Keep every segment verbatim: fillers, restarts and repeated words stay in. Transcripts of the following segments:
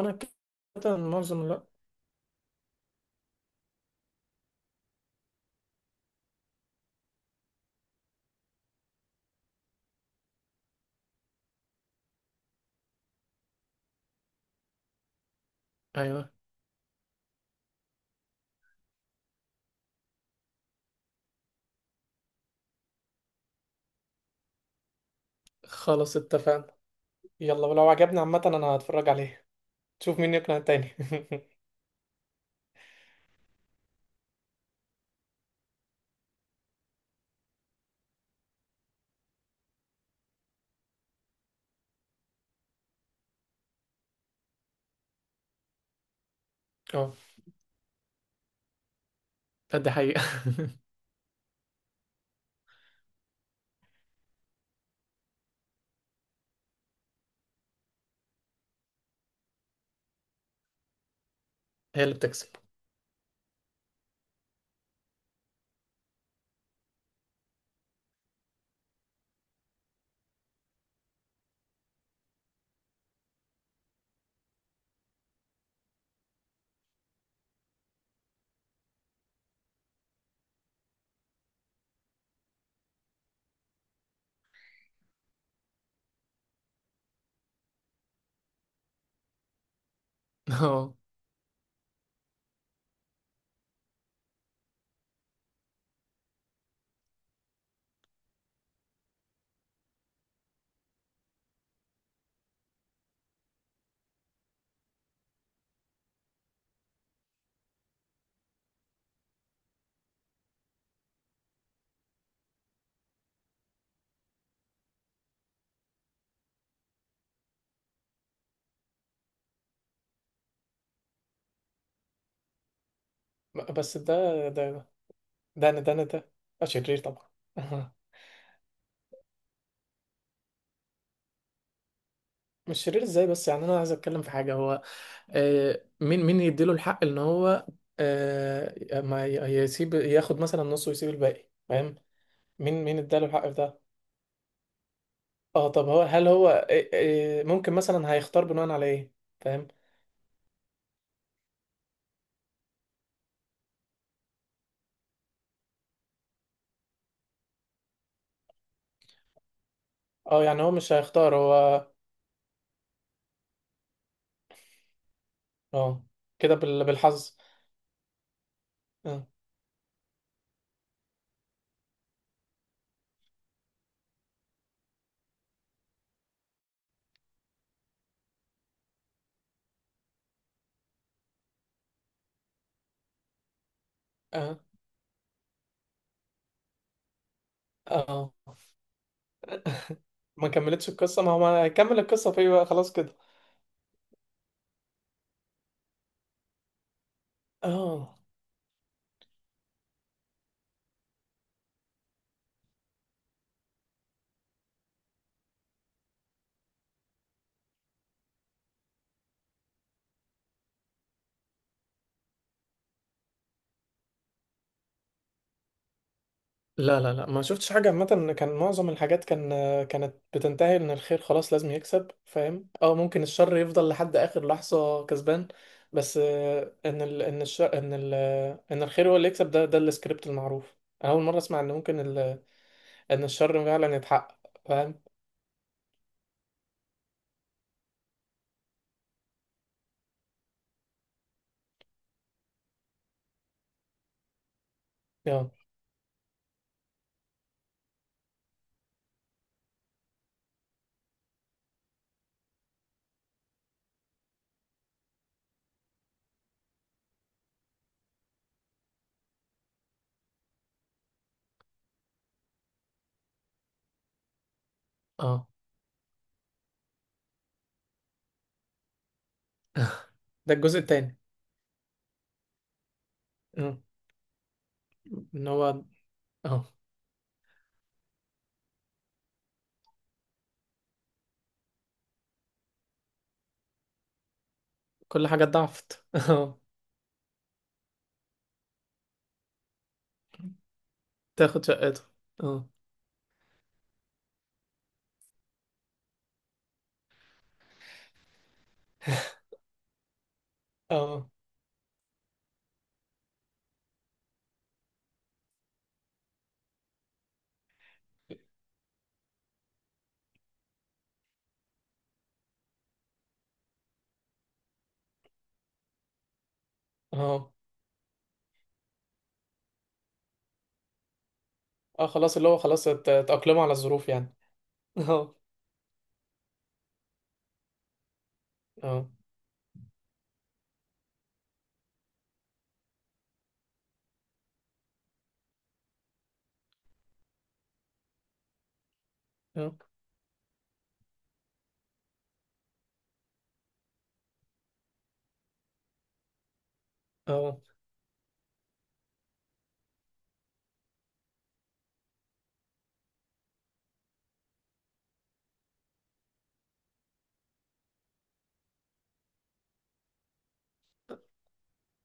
انا كده معظم لا. ايوه. خلاص اتفقنا. يلا، ولو عجبني عامة انا هتفرج عليه. تشوف مين يقنع التاني. اه. لا، دي حقيقة. هي اللي بتكسب. اه. ب- بس ده ده ده ده ده انا ده ده شرير طبعا. مش شرير ازاي؟ بس يعني انا عايز اتكلم في حاجة هو. آه مين مين يديله الحق ان هو آه ما ي- يسيب ياخد مثلا نص ويسيب الباقي، فاهم؟ مين مين اداله الحق في ده؟ اه، طب هو، هل هو إيه إيه ممكن مثلا هيختار بناء على ايه؟ فاهم. اه، يعني هو مش هيختار هو. اه، كده بال- بالحظ. اه. اه. اه، ما كملتش القصة. ما هو ما هيكمل القصة في إيه بقى؟ خلاص كده. اه، لا لا لا، ما شفتش حاجة. عامة كان معظم الحاجات كان كانت بتنتهي ان الخير خلاص لازم يكسب، فاهم؟ اه، ممكن الشر يفضل لحد اخر لحظة كسبان، بس آه، ان ال... ان الشر... ان ال... ان الخير هو اللي يكسب. ده ده السكريبت المعروف. انا اول مرة اسمع ان ممكن ال... ان الشر فعلا يتحقق، فاهم؟ اه. اه. ده الجزء التاني. اه. ان هو. اه، كل حاجة اتضاعفت. اه. تاخد شقته. اه. اه. اه. اه، خلاص اللي هو خلاص ات- اتأقلموا على الظروف يعني. اه. اه. اه. اه،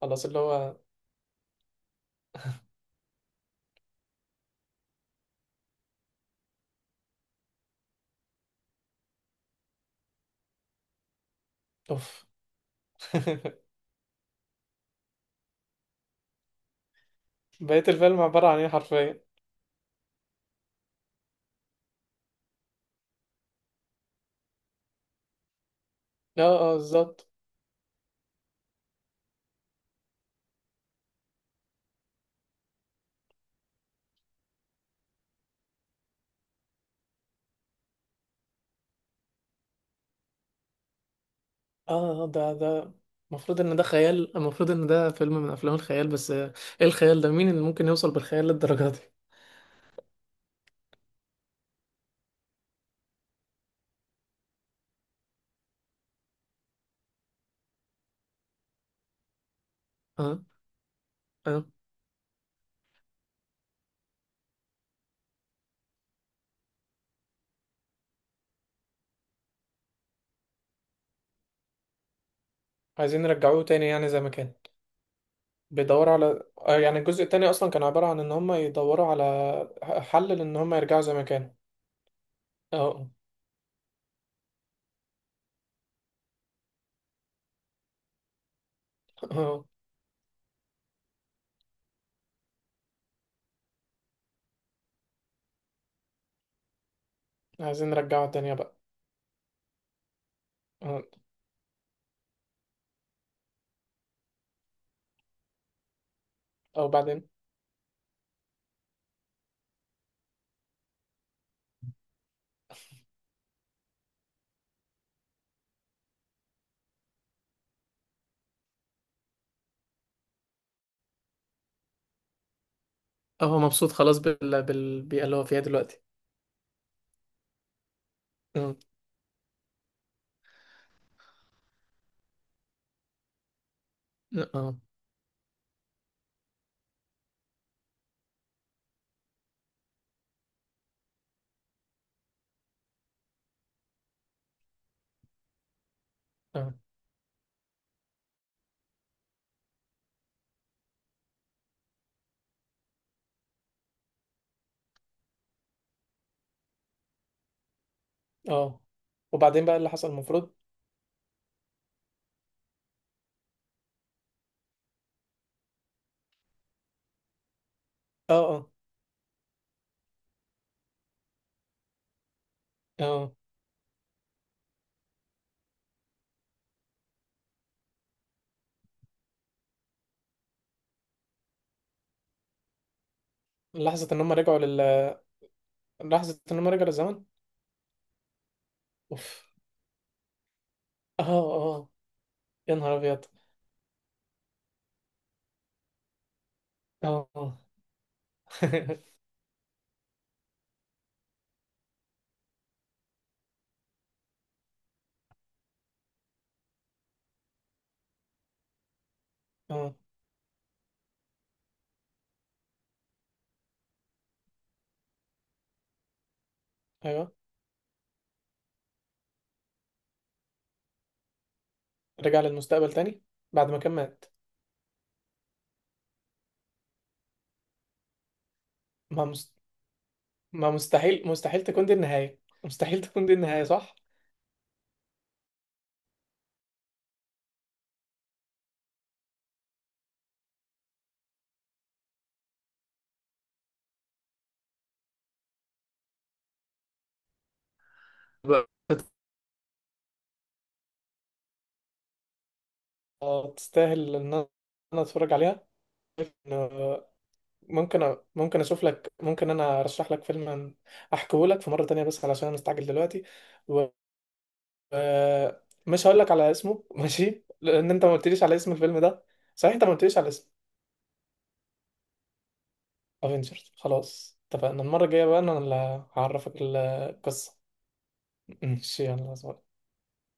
خلاص اللي هو. اوف. بقية الفيلم عبارة عن ايه حرفيا؟ اه. اه، بالظبط. اه، آه، ده ده المفروض ان ده خيال. المفروض ان ده فيلم من افلام الخيال، بس آه، ايه الخيال ده؟ مين اللي ممكن يوصل بالخيال للدرجة دي؟ اه. اه، عايزين يرجعوه تاني يعني زي ما كان. بيدوروا على، آه، يعني الجزء التاني اصلا كان عبارة عن ان هم يدوروا على حل لان هم يرجعوا زي ما كانوا. اه. اه، عايزين نرجعه الدنيا بقى. اه. او بعدين. اه، هو مبسوط خلاص بال... بالبيئة اللي هو فيها دلوقتي. اه. اه. اه. اه. وبعدين بقى اللي حصل المفروض. اه. اه. اه. لحظة ان هم رجعوا لل لحظة ان هم رجعوا للزمن. اوف. اه. اه. يا نهار ابيض. اه. اه. اه. ايوه. رجع للمستقبل تاني. بعد ما كان مات. ما مست... ما مستحيل، مستحيل تكون دي النهاية. مستحيل تكون دي النهاية، صح؟ آه، تستاهل ان انا أنا اتفرج عليها. آه، ممكن أ- ممكن اشوف لك. ممكن انا ارشح لك فيلم احكيه لك في مرة تانية، بس علشان انا مستعجل دلوقتي. و... آه، مش هقول لك على اسمه. ماشي، لان انت ما قلتليش على اسم الفيلم ده. صحيح، انت ما قلتليش على اسم. افنجرز. خلاص اتفقنا، المرة الجاية بقى انا اللي هعرفك القصة. ماشي، يلا باي.